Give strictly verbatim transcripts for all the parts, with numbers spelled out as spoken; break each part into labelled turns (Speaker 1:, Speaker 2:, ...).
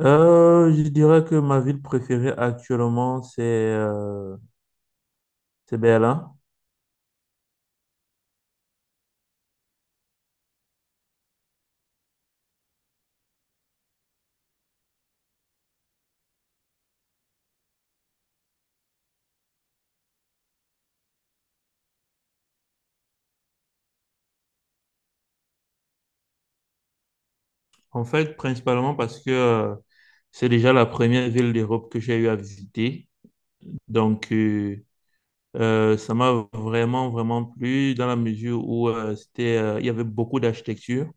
Speaker 1: Euh, je dirais que ma ville préférée actuellement, c'est euh, c'est Berlin. En fait, principalement parce que euh, c'est déjà la première ville d'Europe que j'ai eu à visiter. Donc, euh, euh, ça m'a vraiment, vraiment plu dans la mesure où euh, c'était, euh, il y avait beaucoup d'architecture.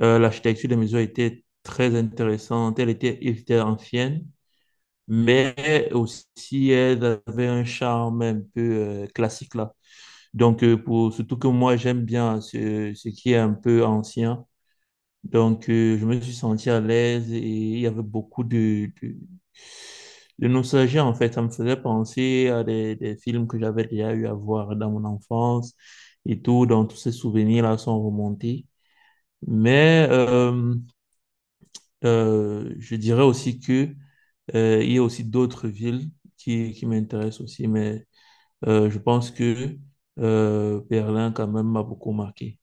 Speaker 1: Euh, l'architecture des maisons était très intéressante. Elle était, elle était ancienne, mais aussi elle avait un charme un peu euh, classique là. Donc, euh, pour, surtout que moi, j'aime bien ce, ce qui est un peu ancien. Donc, euh, je me suis senti à l'aise et il y avait beaucoup de, de, de nostalgie, en fait. Ça me faisait penser à des, des films que j'avais déjà eu à voir dans mon enfance et tout. Donc, tous ces souvenirs-là sont remontés. Mais euh, euh, je dirais aussi que euh, il y a aussi d'autres villes qui, qui m'intéressent aussi. Mais euh, je pense que euh, Berlin, quand même, m'a beaucoup marqué.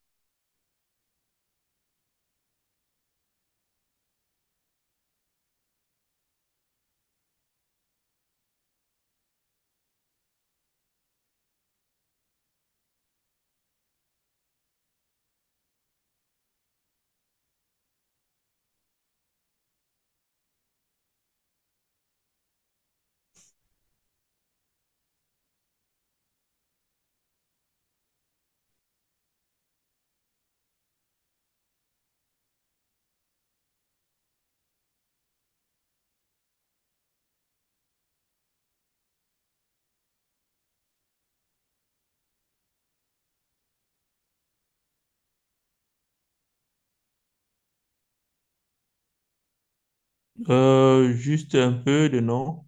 Speaker 1: Euh, juste un peu de nom.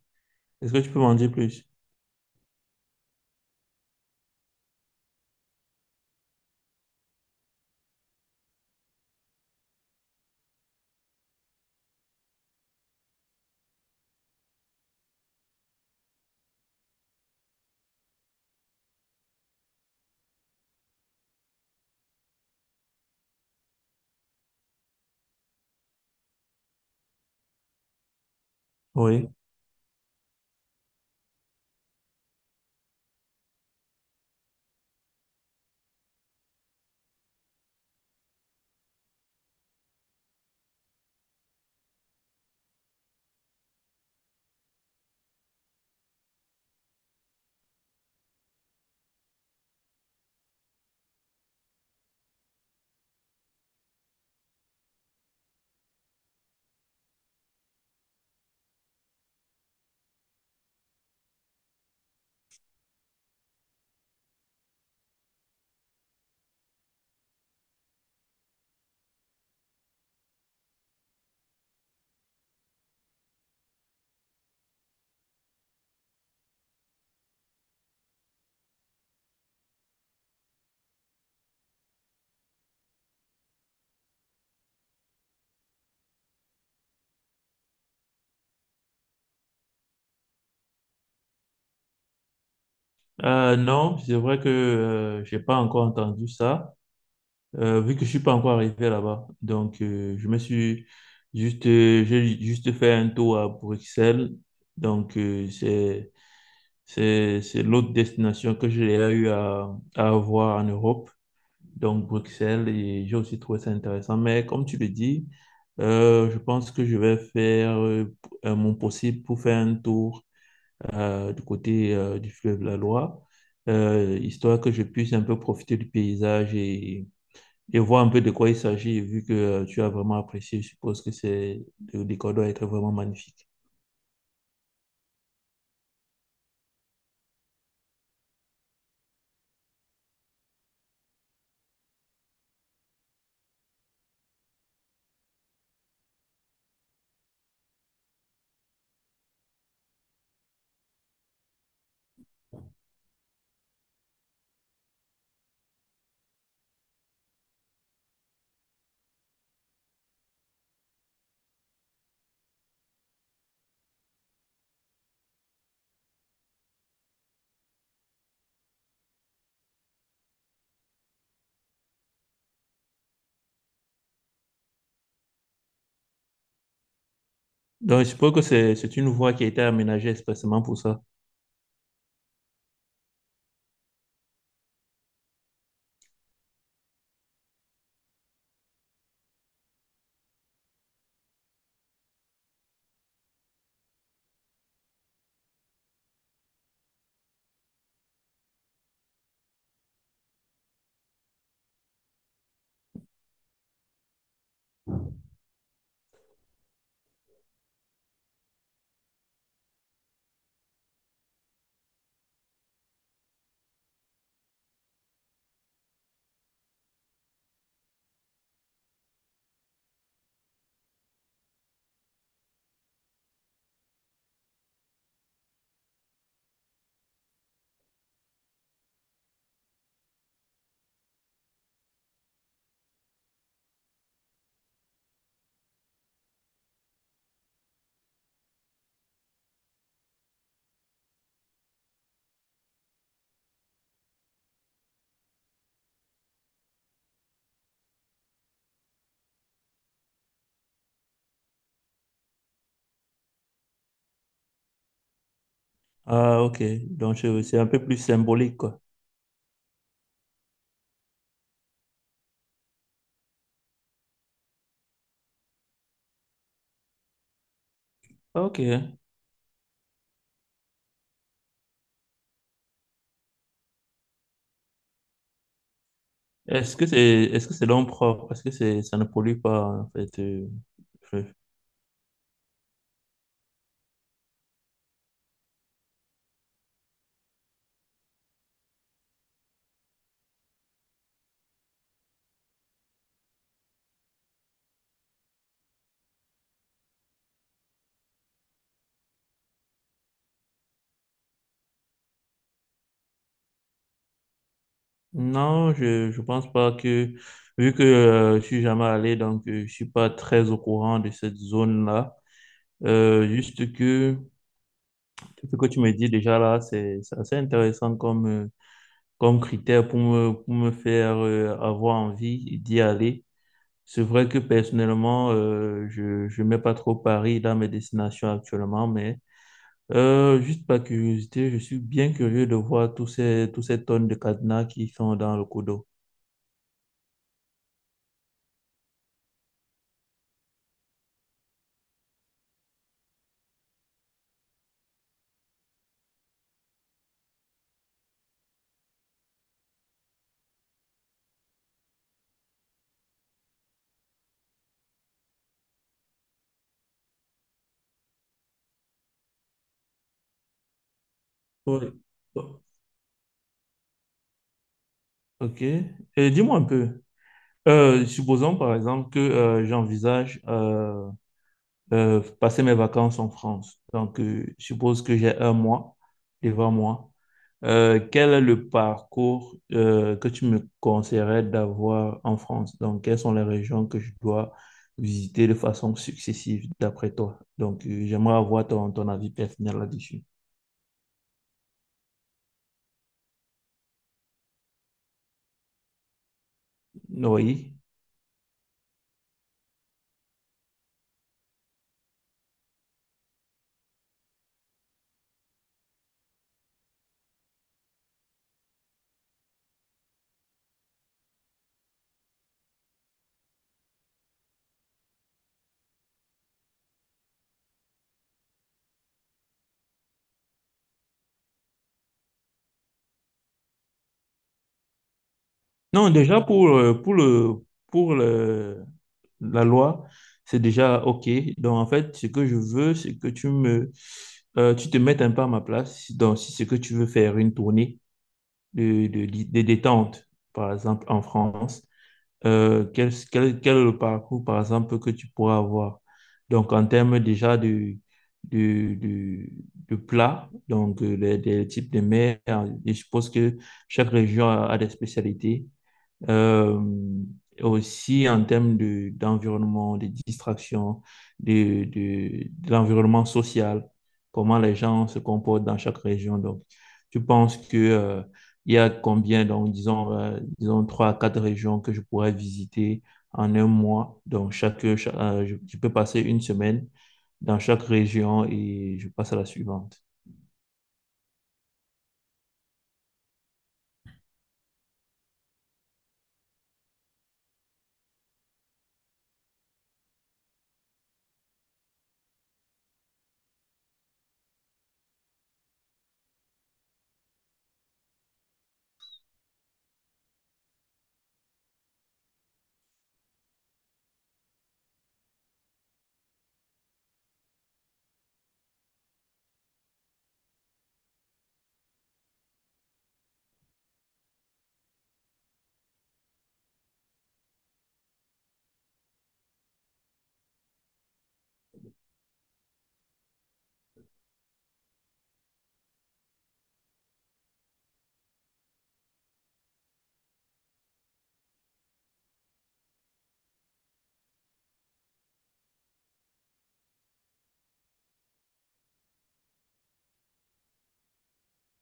Speaker 1: Est-ce que tu peux m'en dire plus? Oui. Euh, non, c'est vrai que euh, j'ai pas encore entendu ça, euh, vu que je suis pas encore arrivé là-bas. Donc, euh, je me suis juste, euh, j'ai juste fait un tour à Bruxelles. Donc, euh, c'est C'est, c'est l'autre destination que j'ai déjà eu à, à avoir en Europe, donc Bruxelles, et j'ai aussi trouvé ça intéressant. Mais comme tu le dis, euh, je pense que je vais faire euh, euh, mon possible pour faire un tour euh, du côté euh, du fleuve la Loire, euh, histoire que je puisse un peu profiter du paysage et, et voir un peu de quoi il s'agit, vu que euh, tu as vraiment apprécié, je suppose que c'est, le décor doit être vraiment magnifique. Donc, je suppose que c'est, c'est une voie qui a été aménagée expressément pour ça. Ah, ok. Donc, je- c'est un peu plus symbolique, quoi. Ok. Est-ce que c'est, est-ce que c'est l'homme propre? Parce que c'est, ça ne pollue pas, en fait. euh, je- Non, je, je pense pas que, vu que euh, je suis jamais allé, donc euh, je suis pas très au courant de cette zone-là. Euh, juste que ce que tu me dis déjà là, c'est, c'est assez intéressant comme, euh, comme critère pour me, pour me faire euh, avoir envie d'y aller. C'est vrai que personnellement, euh, je je mets pas trop Paris dans mes destinations actuellement, mais euh, juste par curiosité, je suis bien curieux de voir tous ces, tous ces tonnes de cadenas qui sont dans le coup d'eau. Oui. Ok. Et dis-moi un peu, euh, supposons par exemple que euh, j'envisage euh, euh, passer mes vacances en France. Donc, euh, je suppose que j'ai un mois devant moi. Euh, quel est le parcours euh, que tu me conseillerais d'avoir en France? Donc, quelles sont les régions que je dois visiter de façon successive d'après toi? Donc, euh, j'aimerais avoir ton, ton avis personnel là-dessus. Oui. Non, déjà pour, euh, pour le, pour le, la loi, c'est déjà OK. Donc, en fait, ce que je veux, c'est que tu me, euh, tu te mettes un peu à ma place. Donc, si c'est que tu veux faire une tournée de, de, de détente, par exemple, en France, euh, quel, quel, quel est le parcours, par exemple, que tu pourras avoir? Donc, en termes déjà de, de, de, de plats, donc euh, les, des types de mers, et je suppose que chaque région a, a des spécialités. Euh, aussi en termes de, d'environnement, de distraction, de, de, de l'environnement social, comment les gens se comportent dans chaque région. Donc, tu penses que, euh, il y a combien, donc, disons, euh, disons trois à quatre régions que je pourrais visiter en un mois. Donc, chaque, cha- euh, je, je peux passer une semaine dans chaque région et je passe à la suivante.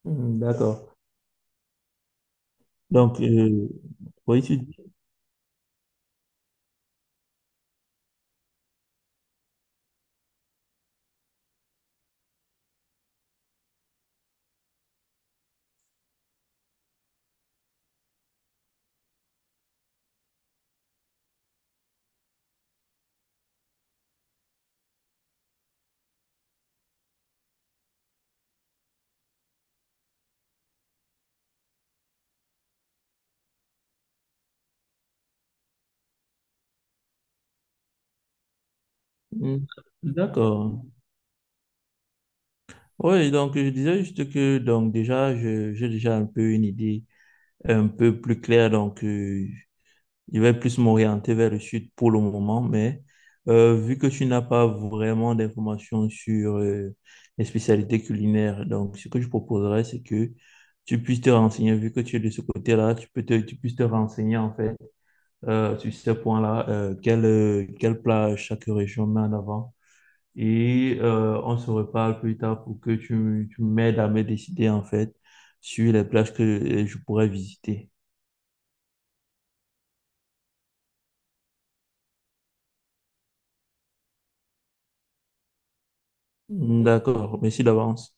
Speaker 1: Hmm, d'accord. Donc, euh, oui, tu- hmm, d'accord. Oui, donc je disais juste que donc déjà je- j'ai déjà un peu une idée un peu plus claire donc euh, je vais plus m'orienter vers le sud pour le moment mais euh, vu que tu n'as pas vraiment d'informations sur euh, les spécialités culinaires donc ce que je proposerais c'est que tu puisses te renseigner vu que tu es de ce côté-là tu peux te, tu puisses te renseigner en fait euh, sur ces points-là euh, quel euh, quel plat chaque région met en avant et euh, on se reparle plus tard pour que tu, tu m'aides à me décider en fait sur les plages que euh, je pourrais visiter. D'accord, merci d'avance.